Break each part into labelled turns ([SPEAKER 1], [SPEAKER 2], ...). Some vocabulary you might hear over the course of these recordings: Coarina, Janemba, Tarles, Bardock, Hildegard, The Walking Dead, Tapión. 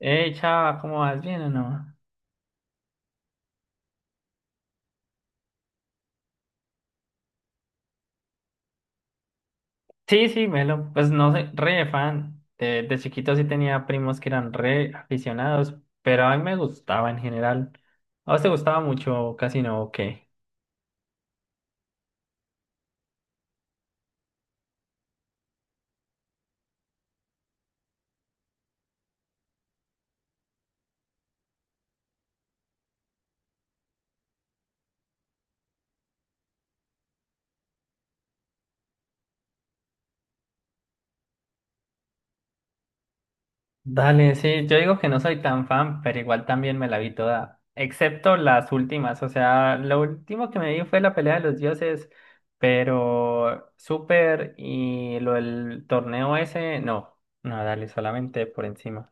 [SPEAKER 1] Hey, chava, ¿cómo vas? ¿Bien o no? Sí, sí, Melo, pues no sé, re fan. De chiquito sí tenía primos que eran re aficionados, pero a mí me gustaba en general. ¿A vos te gustaba mucho Casino o qué? Dale, sí, yo digo que no soy tan fan, pero igual también me la vi toda, excepto las últimas. O sea, lo último que me vi fue la pelea de los dioses, pero Super y lo del torneo ese, no, no, dale, solamente por encima.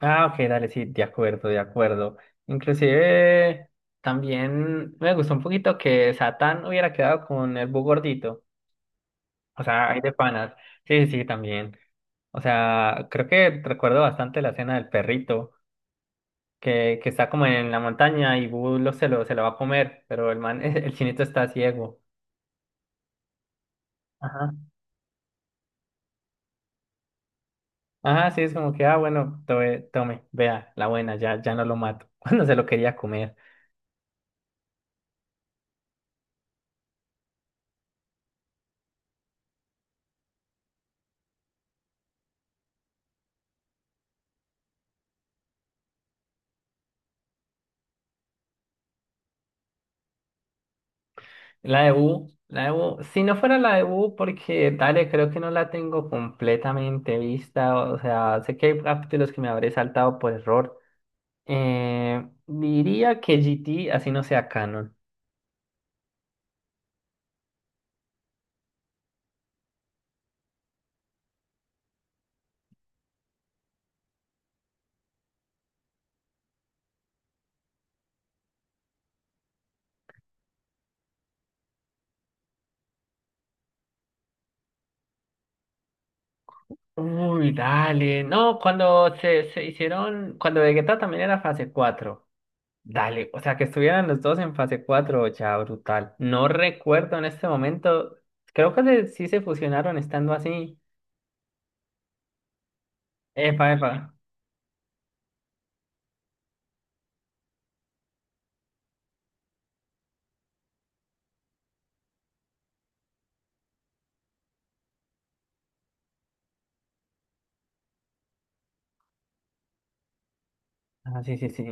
[SPEAKER 1] Ah, ok, dale, sí, de acuerdo, de acuerdo. Inclusive también me gustó un poquito que Satán hubiera quedado con el Bu gordito. O sea, hay de panas. Sí, sí, sí, también. O sea, creo que recuerdo bastante la escena del perrito que está como en la montaña y Bu lo, se lo va a comer, pero el man, el chinito está ciego. Ajá. Ajá, sí, es como que, ah, bueno, tome, tome, vea, la buena, ya, ya no lo mato. Cuando se lo quería comer. La de Wu, la de Wu. Si no fuera la de Wu, porque dale, creo que no la tengo completamente vista. O sea, sé que hay capítulos que me habré saltado por error. Diría que GT, así no sea canon. Uy, dale. No, cuando se hicieron, cuando Vegeta también era fase cuatro. Dale, o sea, que estuvieran los dos en fase 4 ya brutal. No recuerdo en este momento. Creo que sí se fusionaron estando así. Epa, epa. Ah, sí, sí, sí.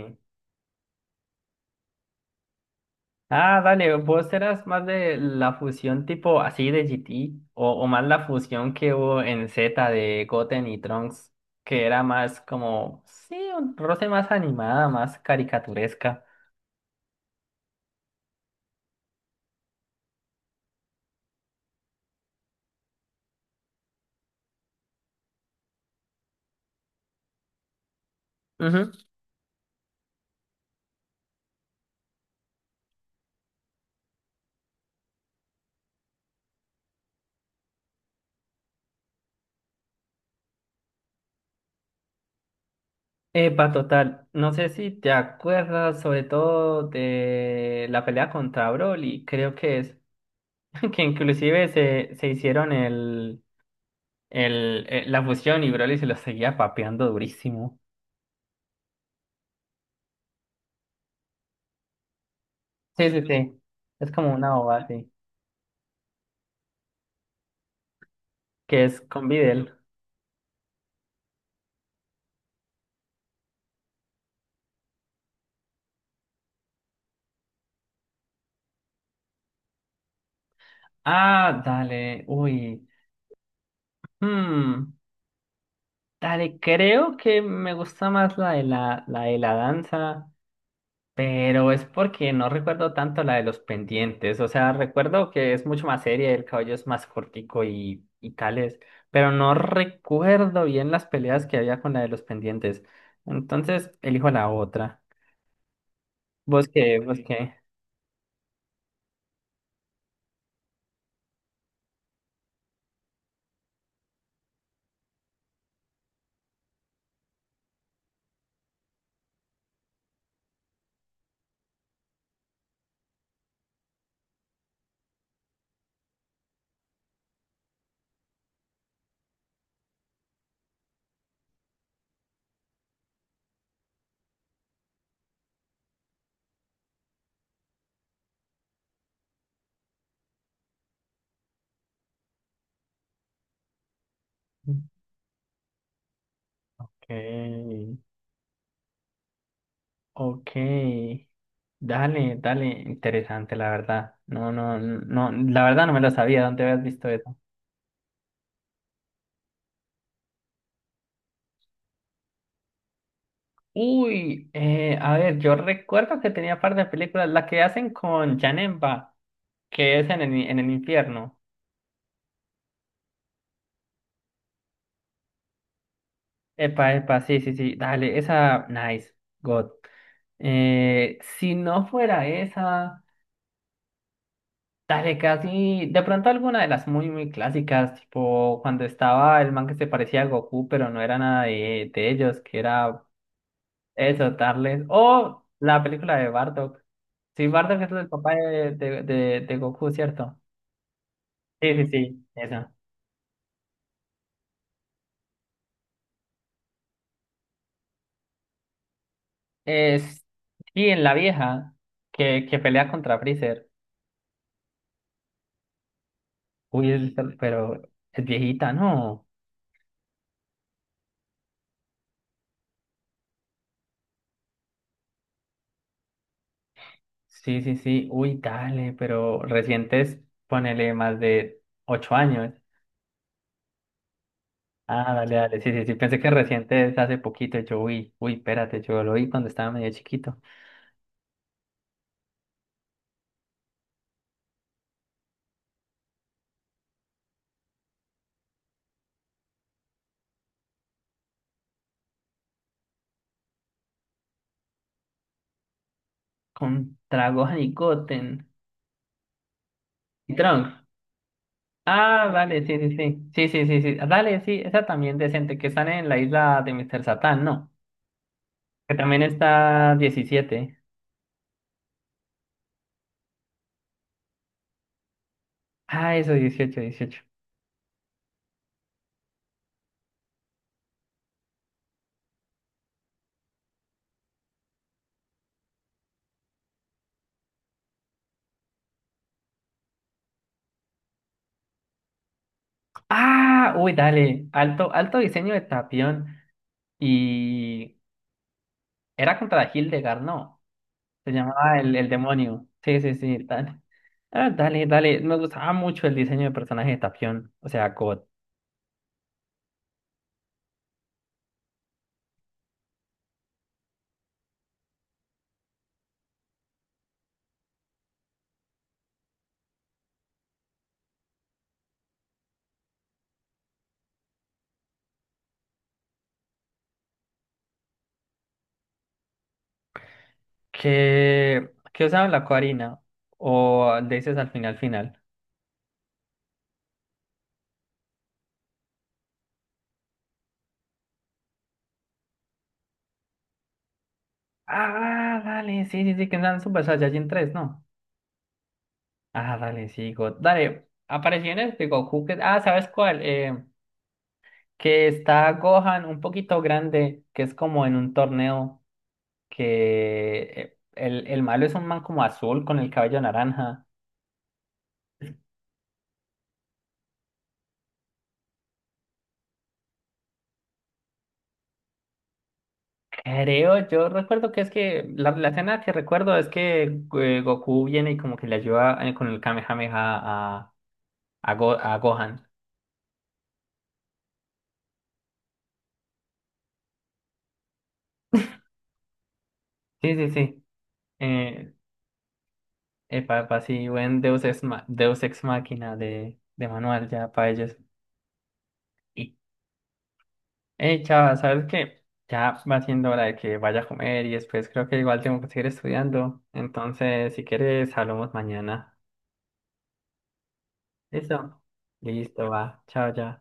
[SPEAKER 1] Ah, dale, vos eras más de la fusión tipo así de GT o más la fusión que hubo en Z de Goten y Trunks, que era más como, sí, un roce más animada, más caricaturesca. Ujú. Epa, total, no sé si te acuerdas sobre todo de la pelea contra Broly, creo que es, que inclusive se, se hicieron la fusión y Broly se lo seguía papeando durísimo. Sí, sí, sí, es como una bobada, sí. Que es con Videl. Ah, dale, uy. Hmm, Dale, creo que me gusta más la de la de la danza, pero es porque no recuerdo tanto la de los pendientes. O sea, recuerdo que es mucho más seria, el cabello es más cortico y tales, pero no recuerdo bien las peleas que había con la de los pendientes. Entonces, elijo la otra. ¿Vos qué? ¿Vos qué? Ok. Ok, dale, dale, interesante, la verdad. No, no, no, la verdad no me lo sabía. ¿Dónde habías visto eso? Uy, a ver, yo recuerdo que tenía par de películas, la que hacen con Janemba, que es en en el infierno. Epa, epa, sí, sí, sí, dale, esa, nice, God. Si no fuera esa, dale, casi, de pronto alguna de las muy, muy clásicas, tipo cuando estaba el man que se parecía a Goku, pero no era nada de ellos, que era. Eso, Tarles. O la película de Bardock. Sí, Bardock es el papá de Goku, ¿cierto? Sí, sí, sí, esa. Es, sí, en la vieja que pelea contra Freezer. Uy, es- pero es viejita, ¿no? Sí, sí, sí. Uy, dale, pero recientes, ponele más de 8 años. Ah, dale, dale. Sí, sí, sí. Pensé que recientes hace poquito. Yo, uy, uy, espérate, yo lo vi cuando estaba medio chiquito. Contra Gohan y Goten. Y Trunks. Ah, dale, sí, sí, sí. Sí, sí, sí, sí. Dale, sí, esa también decente, que están en la isla de Mr. Satán, ¿no? Que también está 17. Ah, eso, 18, 18. Ah, uy, dale. Alto, alto diseño de Tapión. Y era contra Hildegard, ¿no? Se llamaba el demonio. Sí, sí, sí, dale. Ah, dale, dale. Me gustaba mucho el diseño de personaje de Tapión. O sea, God. Que usaban la Coarina. O le dices al final, final. Ah, dale, sí, sí, sí, que eran Super Saiyajin tres, ¿no? Ah, dale, sí, dale, apariciones en este Goku que... Ah, ¿sabes cuál? Que está Gohan un poquito grande, que es como en un torneo, que el malo es un man como azul con el cabello naranja. Creo, yo recuerdo que es que la escena que recuerdo es que Goku viene y como que le ayuda con el Kamehameha a, a Gohan. Sí, sí, sí. Eh, Epa, epa, sí, buen Deus Ex, Deus Ex Máquina de manual ya para ellos. Y, hey, chava, ¿sabes qué? Ya va siendo hora de que vaya a comer y después creo que igual tengo que seguir estudiando. Entonces, si quieres, hablamos mañana. ¿Listo? Listo, va. Chao, ya.